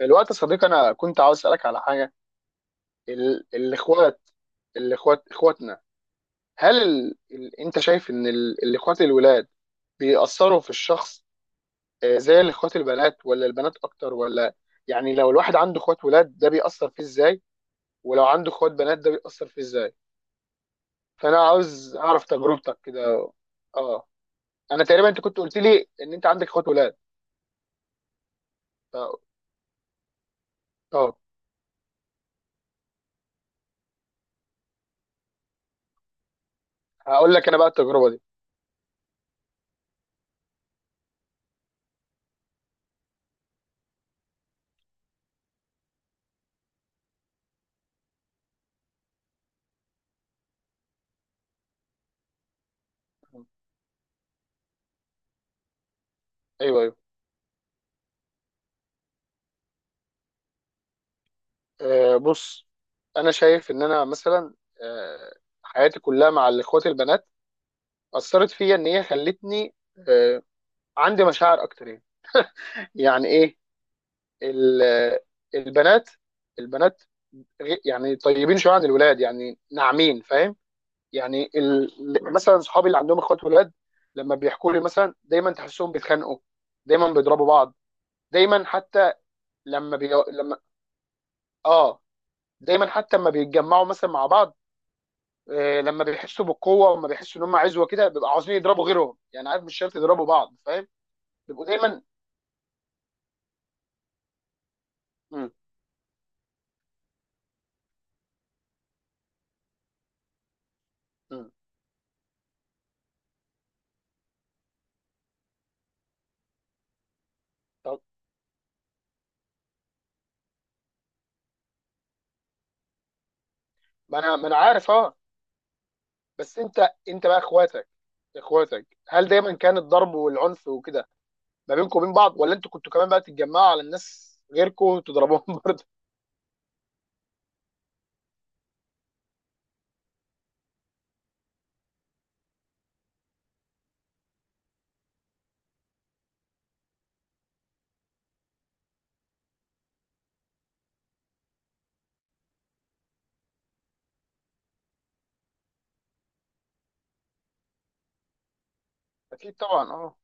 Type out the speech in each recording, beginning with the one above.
الوقت يا صديقي، انا كنت عاوز اسالك على حاجه. الاخوات، اخواتنا، هل انت شايف ان الاخوات الولاد بيأثروا في الشخص؟ زي الاخوات البنات؟ ولا البنات اكتر؟ ولا يعني لو الواحد عنده اخوات ولاد ده بيأثر فيه ازاي، ولو عنده اخوات بنات ده بيأثر فيه ازاي؟ فانا عاوز اعرف تجربتك كده. اه، انا تقريبا انت كنت قلت لي ان انت عندك اخوات ولاد. ف... اه. هقول لك انا بقى التجربه دي. ايوه أيوه. بص، انا شايف ان انا مثلا، آه، حياتي كلها مع اخواتي البنات اثرت فيا ان هي خلتني، آه، عندي مشاعر اكتر يعني. يعني ايه؟ ال- آه، البنات، البنات يعني طيبين شويه عن الولاد، يعني ناعمين، فاهم؟ يعني مثلا صحابي اللي عندهم اخوات ولاد لما بيحكوا لي مثلا، دايما تحسهم بيتخانقوا، دايما بيضربوا بعض، دايما حتى لما اه، دايما حتى لما بيتجمعوا مثلا مع بعض، لما بيحسوا بالقوه وما بيحسوا ان هم عزوه كده بيبقوا عاوزين يضربوا غيرهم، يعني عارف، مش شرط يضربوا بعض، فاهم؟ بيبقوا دايما. مم. مم. طب ما انا عارف، اه. بس انت بقى اخواتك، اخواتك، هل دايما كان الضرب والعنف وكده ما بينكم وبين بعض؟ ولا انتوا كنتوا كمان بقى تتجمعوا على الناس غيركم وتضربوهم برضه؟ اكيد طبعا، اه.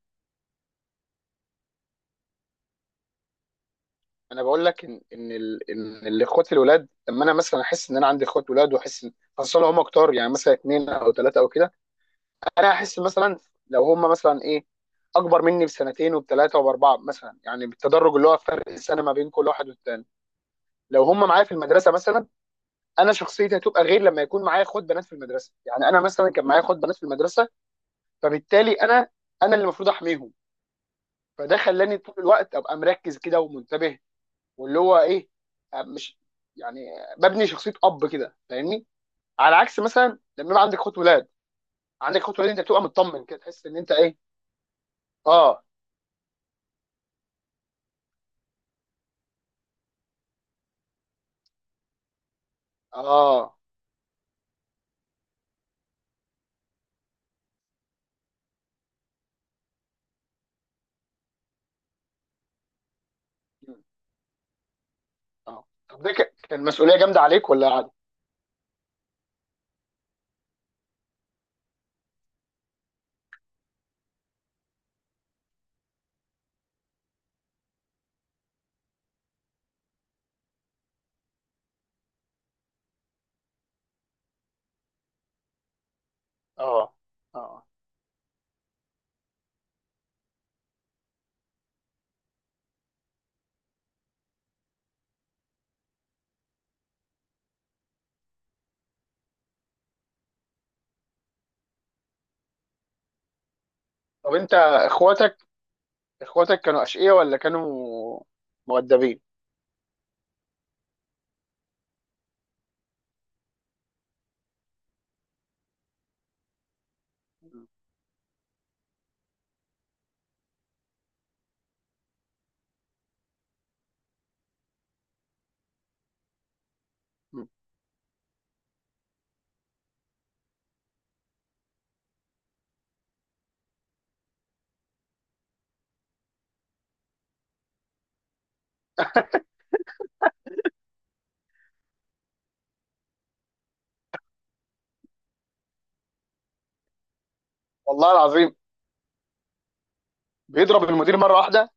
انا بقول لك ان ان الاخوات الولاد لما انا مثلا احس ان انا عندي اخوات ولاد واحس ان، خاصه لو هم كتار يعني مثلا اثنين او ثلاثه او كده، انا احس مثلا لو هم مثلا ايه، اكبر مني بسنتين وبثلاثه وباربعه مثلا، يعني بالتدرج اللي هو فرق السنه ما بين كل واحد والتاني. لو هم معايا في المدرسه مثلا، انا شخصيتي هتبقى غير لما يكون معايا اخوات بنات في المدرسه. يعني انا مثلا كان معايا اخوات بنات في المدرسه، فبالتالي انا، انا اللي المفروض احميهم. فده خلاني طول الوقت ابقى مركز كده ومنتبه، واللي هو ايه، مش يعني ببني شخصيه اب كده، فاهمني؟ على عكس مثلا لما يبقى عندك اخوات ولاد، عندك اخوات ولاد انت بتبقى مطمن كده، تحس ان انت ايه. اه. اه. مم. اه، طب ده كان مسؤولية جامدة عليك ولا عادي؟ اه. اه. طب انت اخواتك، اخواتك كانوا اشقياء ولا كانوا مؤدبين؟ مم. مم. والله العظيم! بيضرب المدير؟ مرة واحدة؟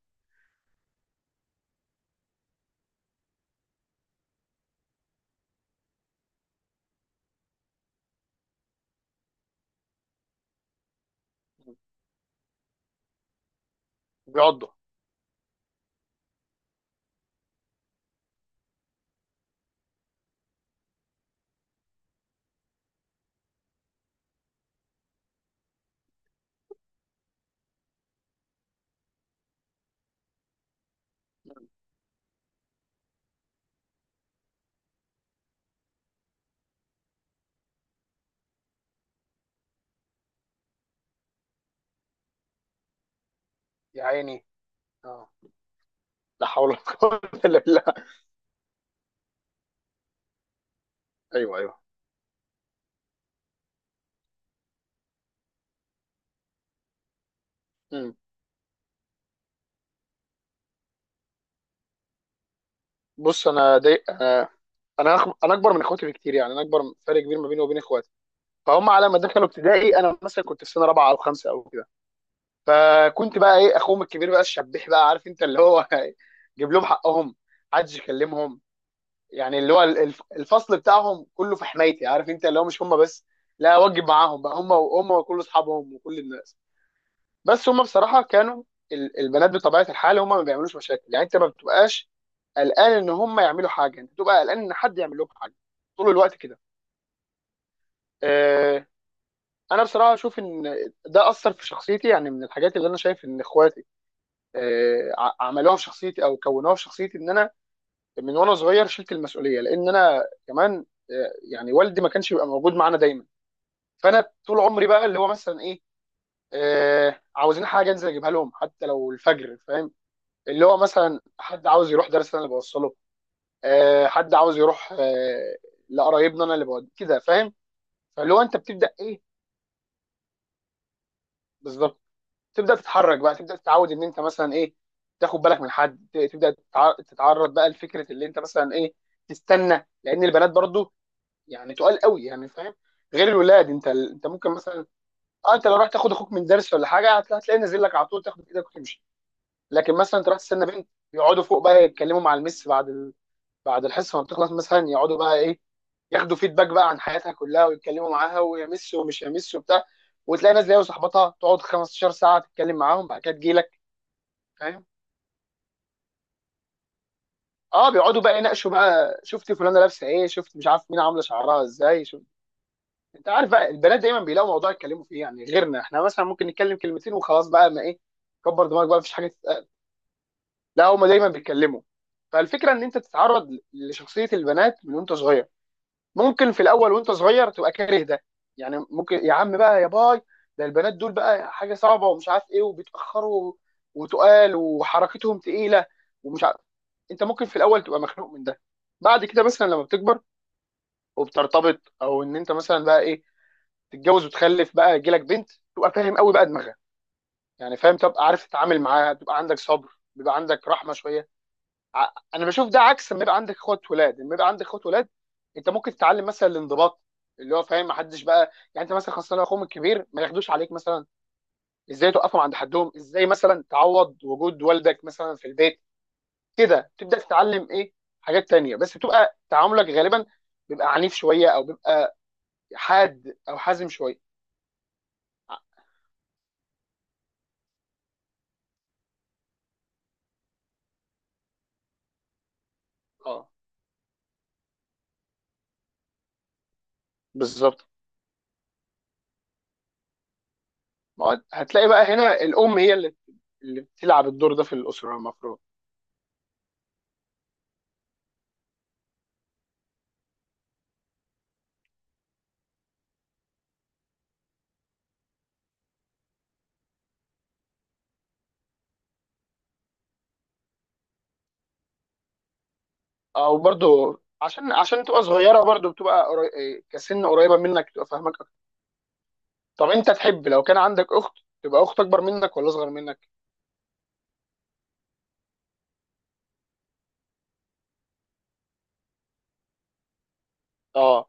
بيعضه؟ يا عيني. اه. لا حول ولا قوة الا بالله. ايوه ايوه. مم. بص، انا دي انا، انا اكبر من اخواتي بكتير، يعني انا اكبر، فرق كبير ما بيني وبين اخواتي. فهم على ما دخلوا ابتدائي انا مثلا كنت في سنه رابعه او خمسه او كده، فكنت بقى ايه، اخوهم الكبير بقى، الشبيح بقى، عارف انت اللي هو، جيب لهم حقهم، محدش يكلمهم. يعني اللي هو الفصل بتاعهم كله في حمايتي، عارف انت اللي هو، مش هم بس، لا واجب معاهم بقى هم وهم وكل اصحابهم وكل الناس. بس هم بصراحه كانوا، البنات بطبيعه الحال هم ما بيعملوش مشاكل، يعني انت ما بتبقاش قلقان ان هم يعملوا حاجه، انت بتبقى قلقان ان حد يعمل لهم حاجه طول الوقت كده. آه، انا بصراحه اشوف ان ده اثر في شخصيتي، يعني من الحاجات اللي انا شايف ان اخواتي عملوها في شخصيتي او كونوها في شخصيتي ان انا من وانا صغير شلت المسؤوليه، لان انا كمان يعني والدي ما كانش بيبقى موجود معانا دايما. فانا طول عمري بقى اللي هو مثلا ايه، عاوزين حاجه انزل اجيبها لهم حتى لو الفجر، فاهم؟ اللي هو مثلا حد عاوز يروح درس انا اللي بوصله، حد عاوز يروح لقرايبنا انا اللي بود كده، فاهم؟ فاللي هو انت بتبدا ايه، بالظبط، تبدا تتحرك بقى، تبدا تتعود ان انت مثلا ايه، تاخد بالك من حد، تبدا تتعرض بقى لفكره اللي انت مثلا ايه، تستنى، لان البنات برضو يعني تقال قوي يعني، فاهم؟ غير الولاد، انت انت ممكن مثلا، اه، انت لو رحت تاخد اخوك من درس ولا حاجه هتلاقيه نازل لك على طول، تاخد ايدك وتمشي. لكن مثلا انت رحت تستنى بنت، يقعدوا فوق بقى يتكلموا مع المس بعد بعد الحصه ما بتخلص مثلا، يقعدوا بقى ايه، ياخدوا فيدباك بقى عن حياتها كلها ويتكلموا معاها ويمس ومش يمس وبتاع، وتلاقي ناس زي صاحبتها تقعد 15 ساعه تتكلم معاهم، بعد كده تجيلك، فاهم؟ اه، بيقعدوا بقى يناقشوا بقى، شفت فلانه لابسه ايه، شفت مش عارف مين عامله شعرها ازاي، شفت، انت عارف بقى البنات دايما بيلاقوا موضوع يتكلموا فيه، يعني غيرنا احنا مثلا ممكن نتكلم كلمتين وخلاص بقى، ما ايه، كبر دماغك بقى، مفيش حاجه تتقال. لا هما دايما بيتكلموا. فالفكره ان انت تتعرض لشخصيه البنات من وانت صغير، ممكن في الاول وانت صغير تبقى كاره ده، يعني ممكن يا عم بقى يا باي، ده البنات دول بقى حاجه صعبه ومش عارف ايه، وبيتاخروا وتقال وحركتهم تقيله ومش عارف، انت ممكن في الاول تبقى مخنوق من ده. بعد كده مثلا لما بتكبر وبترتبط، او ان انت مثلا بقى ايه، تتجوز وتخلف بقى يجيلك بنت، تبقى فاهم قوي بقى دماغها، يعني فاهم، تبقى عارف تتعامل معاها، تبقى عندك صبر، بيبقى عندك رحمه شويه. انا بشوف ده عكس لما يبقى عندك اخوات ولاد. لما يبقى عندك اخوات ولاد انت ممكن تتعلم مثلا الانضباط، اللي هو فاهم، ما حدش بقى يعني انت مثلا خاصه لو اخوهم الكبير ما ياخدوش عليك مثلا، ازاي توقفهم عند حدهم، ازاي مثلا تعوض وجود والدك مثلا في البيت. كده تبدا تتعلم ايه، حاجات تانية، بس بتبقى تعاملك غالبا بيبقى عنيف شويه او بيبقى حاد او حازم شويه. اه، بالظبط. ما هو هتلاقي بقى هنا الام هي اللي، اللي بتلعب الدور ده في الاسره المفروض. او برضو عشان تبقى صغيره برضو بتبقى إيه، كسن قريبه منك، تبقى فاهمك اكتر. طب انت تحب لو كان عندك اخت، تبقى اخت اكبر منك ولا اصغر منك؟ اه.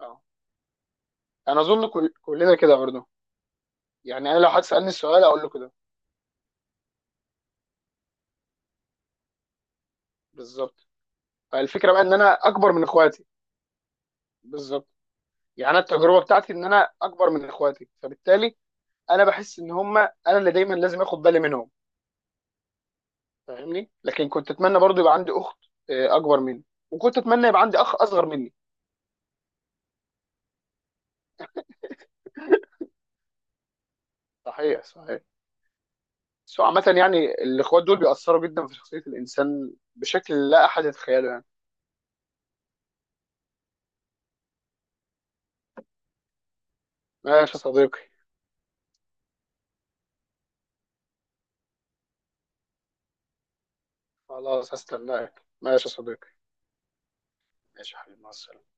اه. انا اظن كلنا كده برضو، يعني انا لو حد سالني السؤال اقول له كده. بالظبط. فالفكره بقى ان انا اكبر من اخواتي. بالظبط. يعني انا التجربه بتاعتي ان انا اكبر من اخواتي، فبالتالي انا بحس ان هم انا اللي دايما لازم اخد بالي منهم، فاهمني؟ لكن كنت اتمنى برضو يبقى عندي اخت اكبر مني، وكنت اتمنى يبقى عندي اخ اصغر مني. صحيح صحيح. بس هو عامة يعني الإخوات دول بيأثروا جدا في شخصية الإنسان بشكل لا أحد يتخيله يعني. ماشي يا صديقي. خلاص هستناك، ماشي يا صديقي. ماشي يا حبيبي، مع السلامة.